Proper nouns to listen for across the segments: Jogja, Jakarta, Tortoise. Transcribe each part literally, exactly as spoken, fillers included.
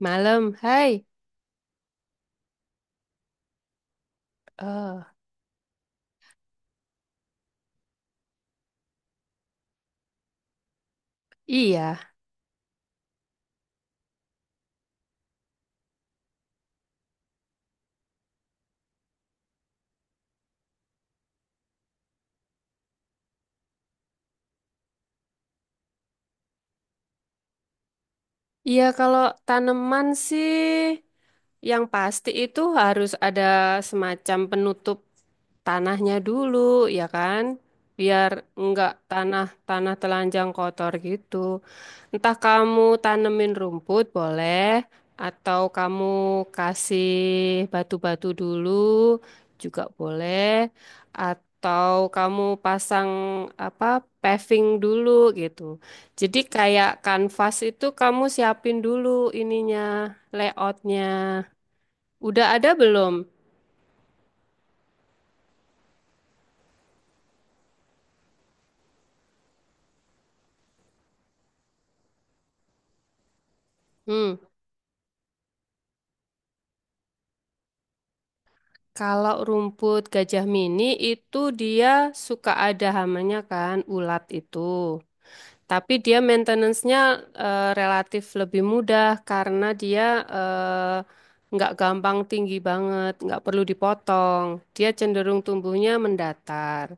Malam, hai. Eh, iya. Iya, kalau tanaman sih yang pasti itu harus ada semacam penutup tanahnya dulu, ya kan? Biar enggak tanah tanah telanjang kotor gitu. Entah kamu tanemin rumput boleh, atau kamu kasih batu-batu dulu juga boleh, atau kamu pasang apa paving dulu gitu. Jadi kayak kanvas itu kamu siapin dulu ininya, layoutnya. Udah ada belum? Hmm, Kalau rumput gajah mini itu dia suka ada hamanya kan, ulat itu. Tapi dia maintenance-nya eh, relatif lebih mudah karena dia eh, nggak gampang tinggi banget, nggak perlu dipotong. Dia cenderung tumbuhnya mendatar.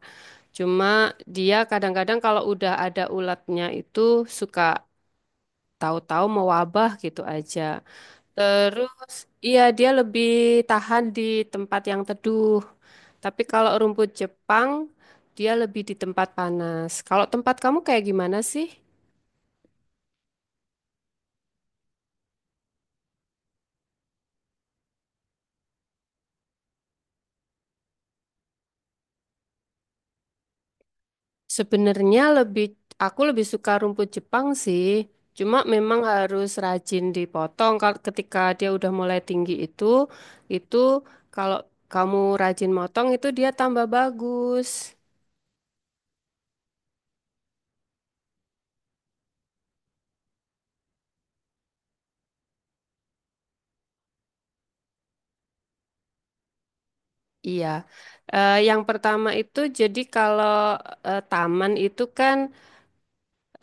Cuma dia kadang-kadang kalau udah ada ulatnya itu suka tahu-tahu mewabah gitu aja. Terus, iya dia lebih tahan di tempat yang teduh. Tapi kalau rumput Jepang, dia lebih di tempat panas. Kalau tempat kamu kayak gimana sih? Sebenarnya lebih, aku lebih suka rumput Jepang sih. Cuma memang harus rajin dipotong. Kalau ketika dia udah mulai tinggi itu, itu kalau kamu rajin motong itu dia tambah bagus. Iya. Eh, yang pertama itu jadi kalau eh, taman itu kan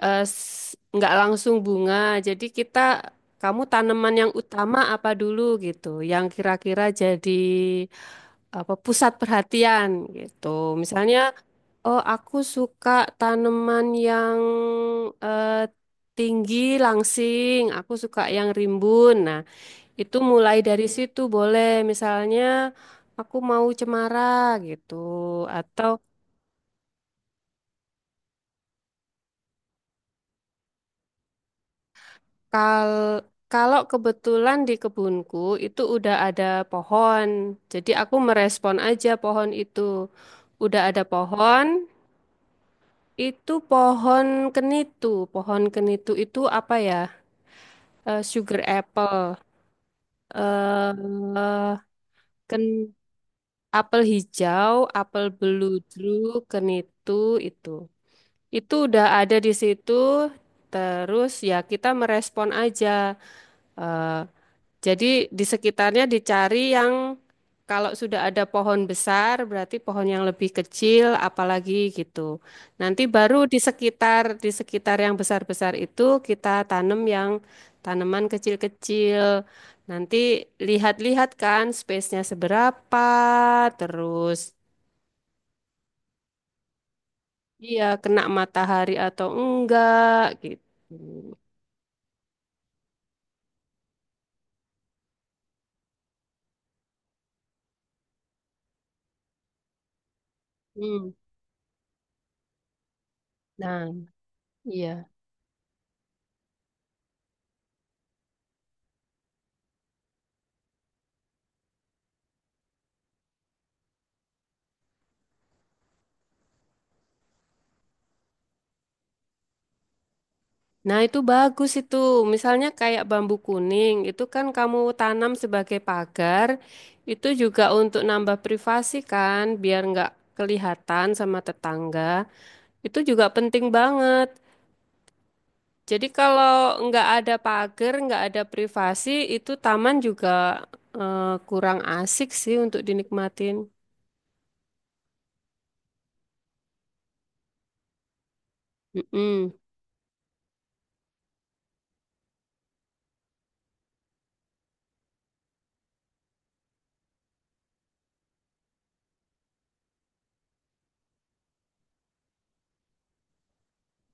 eh, s- nggak langsung bunga. Jadi kita kamu tanaman yang utama apa dulu gitu, yang kira-kira jadi apa pusat perhatian gitu. Misalnya, oh aku suka tanaman yang eh, tinggi langsing, aku suka yang rimbun. Nah, itu mulai dari situ boleh. Misalnya aku mau cemara gitu atau Kal kalau kebetulan di kebunku itu udah ada pohon, jadi aku merespon aja pohon itu. Udah ada pohon, itu pohon kenitu. Pohon kenitu itu apa ya? Eh, sugar apple, eh ken apel hijau, apel beludru, kenitu itu. Itu udah ada di situ. Terus ya kita merespon aja. Eh, Jadi di sekitarnya dicari yang kalau sudah ada pohon besar berarti pohon yang lebih kecil apalagi gitu. Nanti baru di sekitar di sekitar yang besar-besar itu kita tanam yang tanaman kecil-kecil. Nanti lihat-lihat kan space-nya seberapa, terus iya kena matahari atau enggak gitu. Hmm. Nah, iya. Nah, itu bagus itu. Misalnya kayak bambu kuning, itu kan kamu tanam sebagai pagar, itu juga untuk nambah privasi kan, biar nggak kelihatan sama tetangga. Itu juga penting banget. Jadi kalau nggak ada pagar, nggak ada privasi, itu taman juga eh, kurang asik sih untuk dinikmatin. Mm-mm.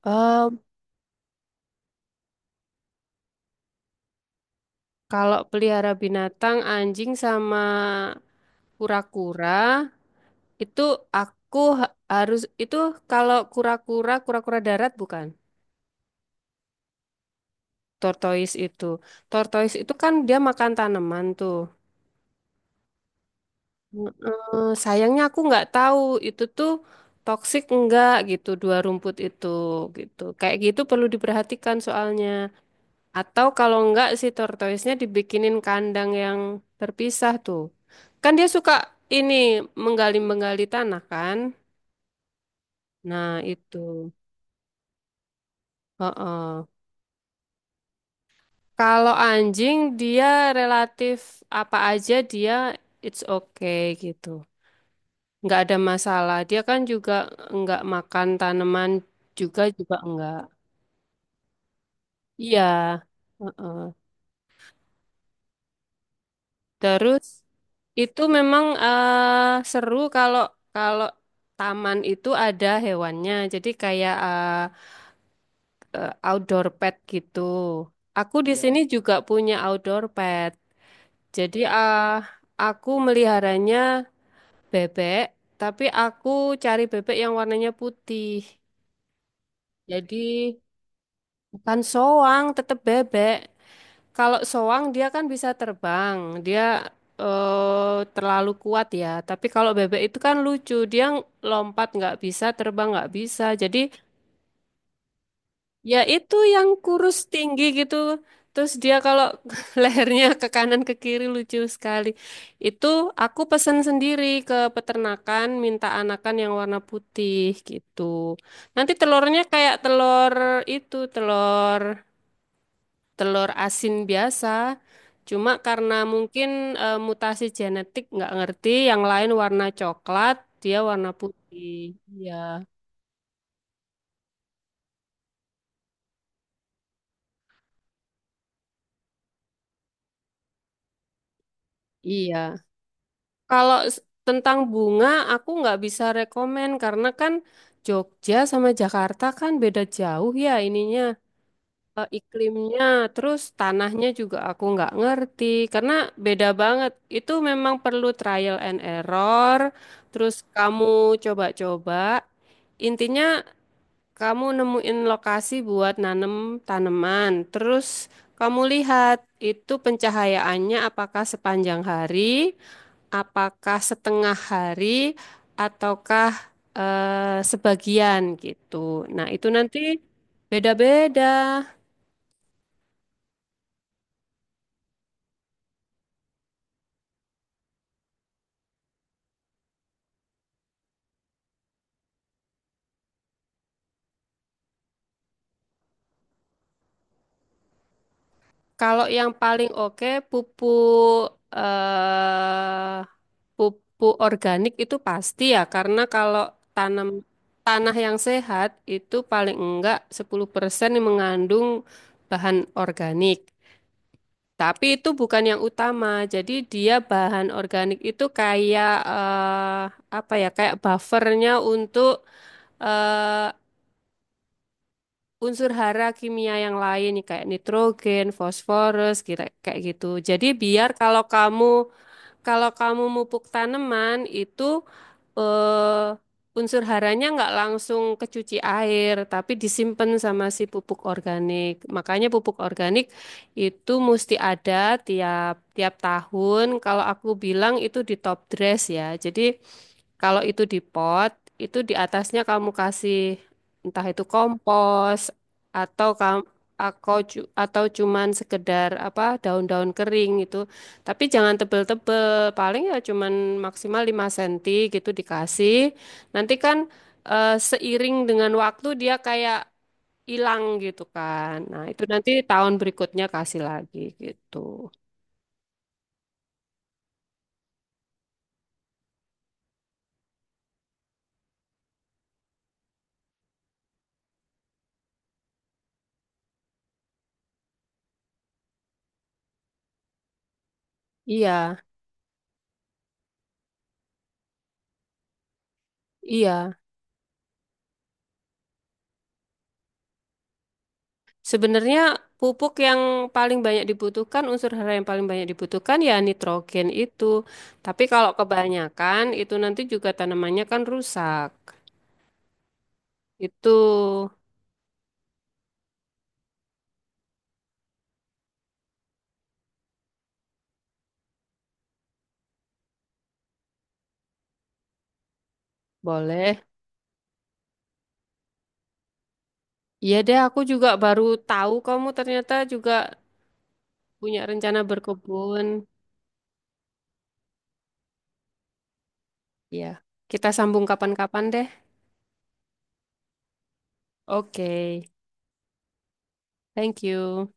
Eh, Kalau pelihara binatang, anjing sama kura-kura, itu aku ha- harus itu kalau kura-kura, kura-kura darat bukan? Tortoise itu. Tortoise itu kan dia makan tanaman tuh. Heeh, sayangnya aku nggak tahu itu tuh toksik enggak gitu dua rumput itu gitu. Kayak gitu perlu diperhatikan soalnya. Atau kalau enggak si tortoise-nya dibikinin kandang yang terpisah tuh. Kan dia suka ini menggali-menggali tanah kan? Nah, itu. Heeh. Kalau anjing dia relatif apa aja dia it's okay gitu. Nggak ada masalah. Dia kan juga nggak makan tanaman juga juga enggak. Iya. Heeh. Terus itu memang eh, seru kalau kalau taman itu ada hewannya. Jadi kayak eh, eh, outdoor pet gitu. Aku di, Iya. sini juga punya outdoor pet. Jadi eh, aku meliharanya bebek, tapi aku cari bebek yang warnanya putih. Jadi bukan soang, tetap bebek. Kalau soang dia kan bisa terbang, dia eh, terlalu kuat ya. Tapi kalau bebek itu kan lucu, dia lompat nggak bisa, terbang nggak bisa. Jadi, ya itu yang kurus tinggi gitu. Terus dia kalau lehernya ke kanan ke kiri lucu sekali. Itu aku pesan sendiri ke peternakan, minta anakan yang warna putih gitu. Nanti telurnya kayak telur itu, telur telur asin biasa. Cuma karena mungkin eh, mutasi genetik nggak ngerti, yang lain warna coklat, dia warna putih. Iya, iya. Kalau s- tentang bunga, aku nggak bisa rekomen karena kan Jogja sama Jakarta kan beda jauh ya ininya eh, iklimnya, terus tanahnya juga aku nggak ngerti karena beda banget. Itu memang perlu trial and error, terus kamu coba-coba. Intinya kamu nemuin lokasi buat nanem tanaman, terus kamu lihat itu pencahayaannya apakah sepanjang hari. Apakah setengah hari ataukah eh, sebagian gitu. Nah, itu nanti beda-beda. Kalau yang paling oke pupuk eh pupuk organik itu pasti ya karena kalau tanam tanah yang sehat itu paling enggak sepuluh persen mengandung bahan organik. Tapi itu bukan yang utama. Jadi dia bahan organik itu kayak eh, apa ya? Kayak buffernya untuk eh, unsur hara kimia yang lain kayak nitrogen, fosforus, kira kayak gitu. Jadi biar kalau kamu kalau kamu mupuk tanaman itu eh, unsur haranya nggak langsung kecuci air, tapi disimpan sama si pupuk organik. Makanya pupuk organik itu mesti ada tiap tiap tahun. Kalau aku bilang itu di top dress ya. Jadi kalau itu di pot, itu di atasnya kamu kasih entah itu kompos atau kamu atau cuman sekedar apa daun-daun kering itu. Tapi jangan tebel-tebel paling ya cuman maksimal lima sentimeter gitu dikasih. Nanti kan eh, seiring dengan waktu dia kayak hilang gitu kan. Nah, itu nanti tahun berikutnya kasih lagi gitu. Iya, iya. Sebenarnya pupuk yang paling banyak dibutuhkan, unsur hara yang paling banyak dibutuhkan ya nitrogen itu. Tapi kalau kebanyakan itu nanti juga tanamannya kan rusak. Itu boleh. Iya deh, aku juga baru tahu kamu ternyata juga punya rencana berkebun. Ya, kita sambung kapan-kapan deh. Oke, thank you.